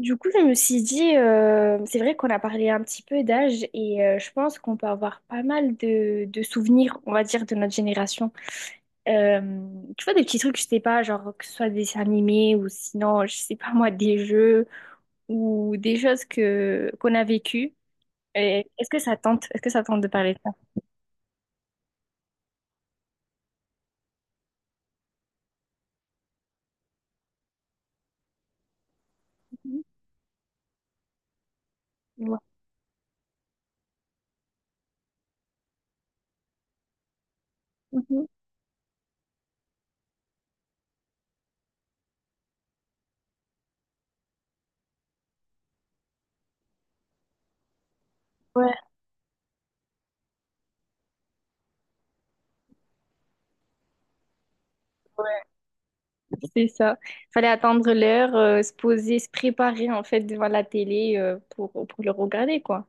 Du coup, je me suis dit, c'est vrai qu'on a parlé un petit peu d'âge et je pense qu'on peut avoir pas mal de souvenirs, on va dire, de notre génération. Euh, Tu vois, des petits trucs, je sais pas, genre que ce soit des dessins animés ou sinon, je sais pas moi, des jeux ou des choses que qu'on a vécues. Est-ce que ça tente, est-ce que ça tente de parler de ça? Ouais, mhm, ouais, ouais, c'est ça. Fallait attendre l'heure, se poser, se préparer en fait devant la télé pour le regarder, quoi.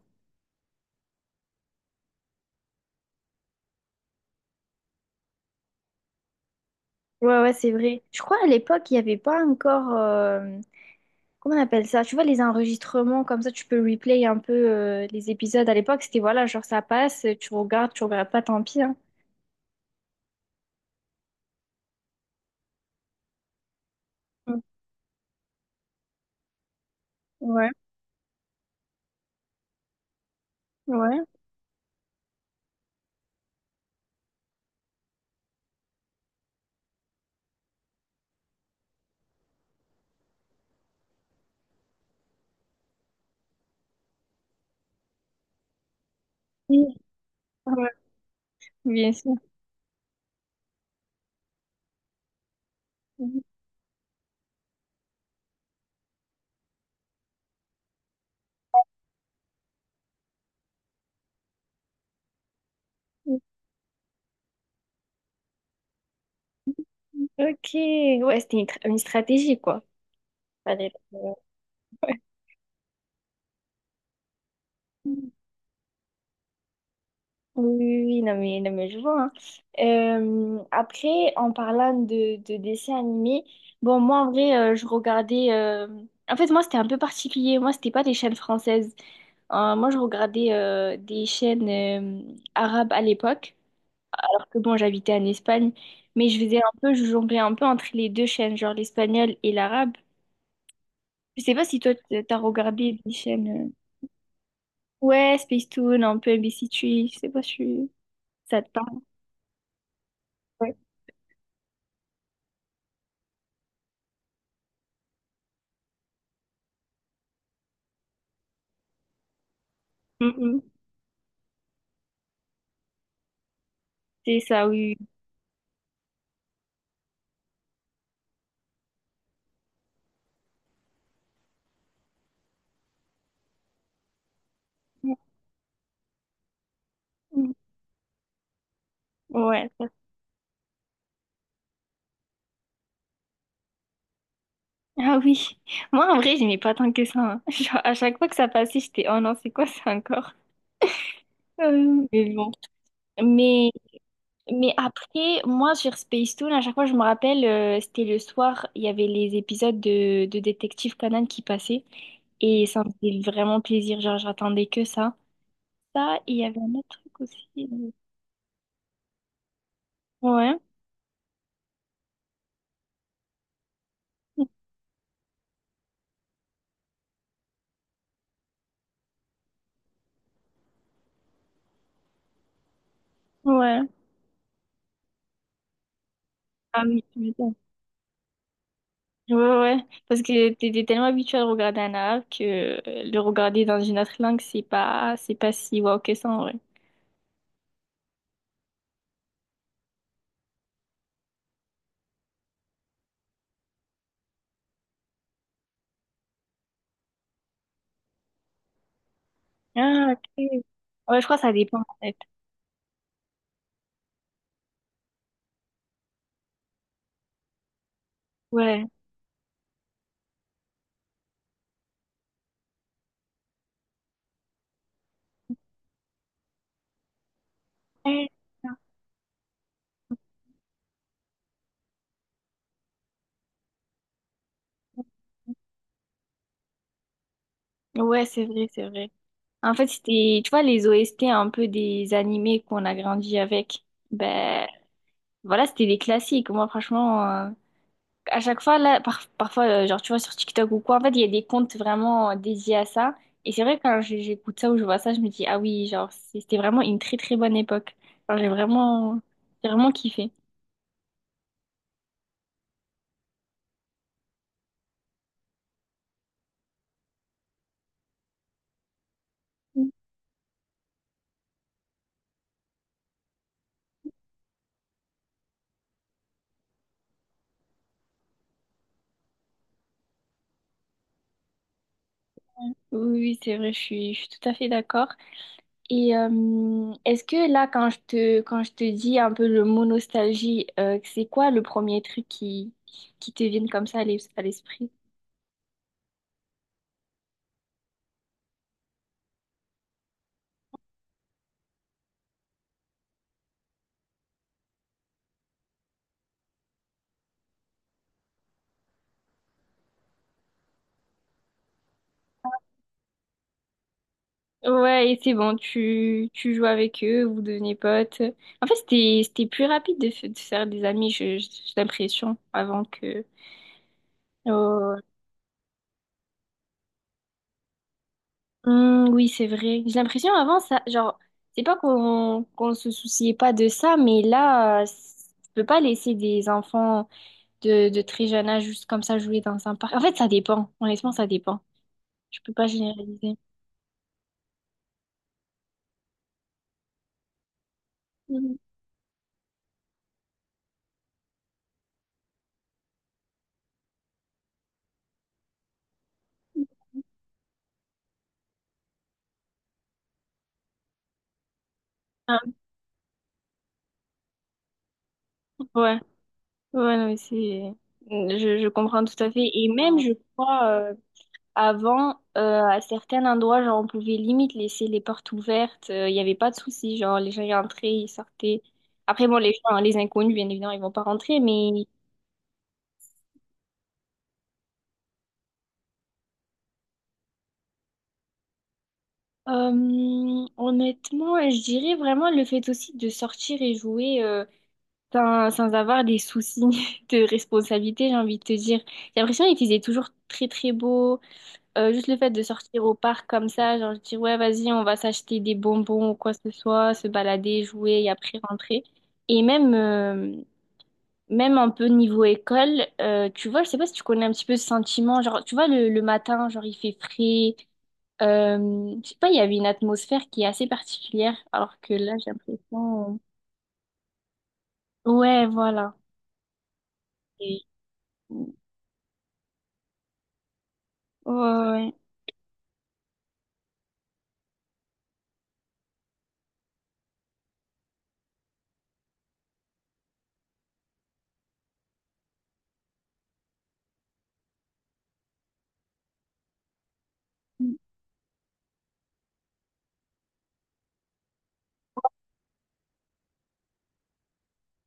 Ouais, ouais, c'est vrai. Je crois à l'époque, il n'y avait pas encore. Comment on appelle ça? Tu vois, les enregistrements, comme ça, tu peux replay un peu les épisodes. À l'époque, c'était voilà, genre ça passe, tu regardes pas, tant pis, hein. Mm. Ouais, ouais. Oui, ouais, bien sûr. Mhm. Ok, ouais, c'était une, une stratégie, quoi. Fallait- Oui, oui, oui, non mais, non mais je vois, hein. Après, en parlant de dessins animés, bon, moi en vrai, je regardais. En fait, moi c'était un peu particulier. Moi, c'était pas des chaînes françaises. Moi, je regardais des chaînes arabes à l'époque, alors que bon, j'habitais en Espagne, mais je faisais un peu, je jonglais un peu entre les deux chaînes, genre l'espagnol et l'arabe. Je sais pas si toi, t'as regardé des chaînes. Ouais, Toon, un peu MBC3 je sais pas si ça te parle. Ouais. Mm, mm. C'est ça, oui. Oui. Ouais. Ça- Ah oui. Moi, en vrai, j'aimais pas tant que ça, hein. Genre, à chaque fois que ça passait, j'étais, oh non, c'est quoi ça encore? Mais bon. Mais, mais après, moi, sur Toon, à chaque fois, je me rappelle, c'était le soir, il y avait les épisodes de Détective Conan qui passaient. Et ça me faisait vraiment plaisir. Genre, j'attendais que ça. Ça, et il y avait un autre truc aussi. Ouais. Ouais. Ah oui, tu m'étonnes. Ouais, ouais, ouais. Parce que t'étais tellement habitué à regarder un arabe que le regarder dans une autre langue, c'est pas si wow que ça, en vrai. Ah, ok. Ouais, je crois que ça dépend, en fait. Ouais. Ouais, ouais, c'est vrai, c'est vrai. En fait, c'était, tu vois, les OST un peu des animés qu'on a grandi avec. Ben, voilà, c'était des classiques. Moi, franchement, à chaque fois, là, parfois, genre, tu vois, sur TikTok ou quoi, en fait, il y a des comptes vraiment dédiés à ça. Et c'est vrai, quand j'écoute ça ou je vois ça, je me dis, ah oui, genre, c'était vraiment une très, très bonne époque. Genre, j'ai vraiment kiffé. Mm. Oui, oui, c'est vrai, je suis tout à fait d'accord. Et est-ce que là, quand je te dis un peu le mot nostalgie, c'est quoi le premier truc qui te vient comme ça à à l'esprit? Ouais, et c'est bon, tu joues avec eux, vous devenez potes. En fait, c'était, c'était plus rapide de, de faire des amis, j'ai l'impression, avant que... Oh. Hmm, oui, c'est vrai. J'ai l'impression avant, ça, genre, c'est pas qu'on se souciait pas de ça, mais là, tu peux pas laisser des enfants de très jeune âge juste comme ça jouer dans un parc. En fait, ça dépend. Honnêtement, ça dépend. Je peux pas généraliser. Mhm. Ah, ouais, ouais, non, mais c'est... je comprends tout à fait. Et même, je crois... Avant, à certains endroits, genre, on pouvait limite laisser les portes ouvertes. Il n'y avait pas de souci. Genre, les gens y entraient, ils sortaient. Après, bon, les gens, les inconnus, bien évidemment, ils vont pas rentrer. Mais honnêtement, je dirais vraiment le fait aussi de sortir et jouer sans, sans avoir des soucis de responsabilité, j'ai envie de te dire. J'ai l'impression qu'il faisait toujours très, très beau. Juste le fait de sortir au parc comme ça, genre je dis ouais, vas-y, on va s'acheter des bonbons ou quoi que ce soit, se balader, jouer et après rentrer. Et même, même un peu niveau école, tu vois, je sais pas si tu connais un petit peu ce sentiment, genre tu vois, le matin, genre il fait frais, je sais pas, il y avait une atmosphère qui est assez particulière, alors que là, j'ai l'impression. Ouais, voilà. Et- Ouais, ouais,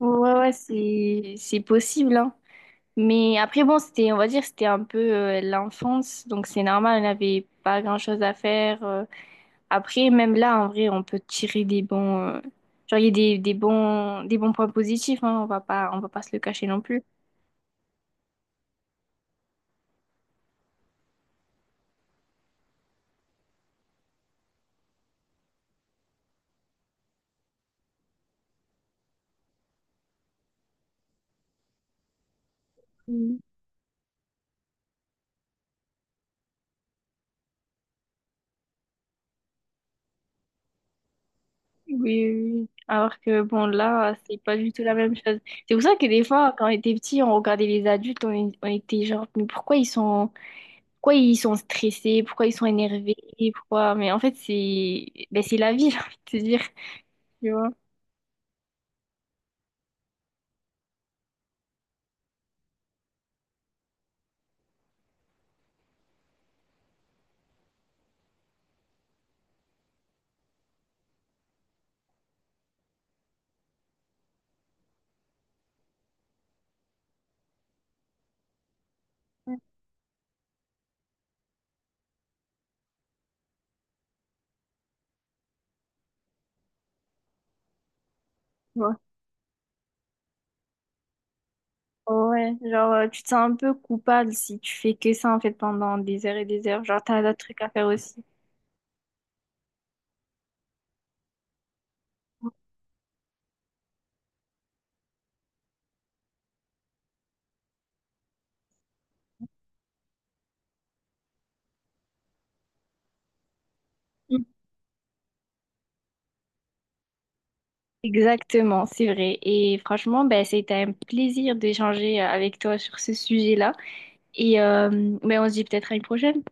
ouais, ouais, ouais, c'est possible, hein. Mais après, bon, c'était, on va dire, c'était un peu l'enfance, donc c'est normal, on n'avait pas grand-chose à faire. Après, même là, en vrai, on peut tirer des bons, genre, il y a des bons points positifs, hein, on va pas se le cacher non plus. Mm. Oui, oui. Oui. Alors que, bon, là, c'est pas du tout la même chose. C'est pour ça que des fois, quand on était petit, on regardait les adultes, on était genre, mais pourquoi ils sont stressés, pourquoi ils sont énervés, pourquoi, mais en fait, c'est, ben, c'est la vie, j'ai envie de te dire, tu vois. Ouais, ouais, genre tu te sens un peu coupable si tu fais que ça en fait pendant des heures et des heures. Genre t'as d'autres trucs à faire aussi. Mm. Exactement, c'est vrai. Et franchement, ben, c'était un plaisir d'échanger avec toi sur ce sujet-là. Et ben, on se dit peut-être à une prochaine.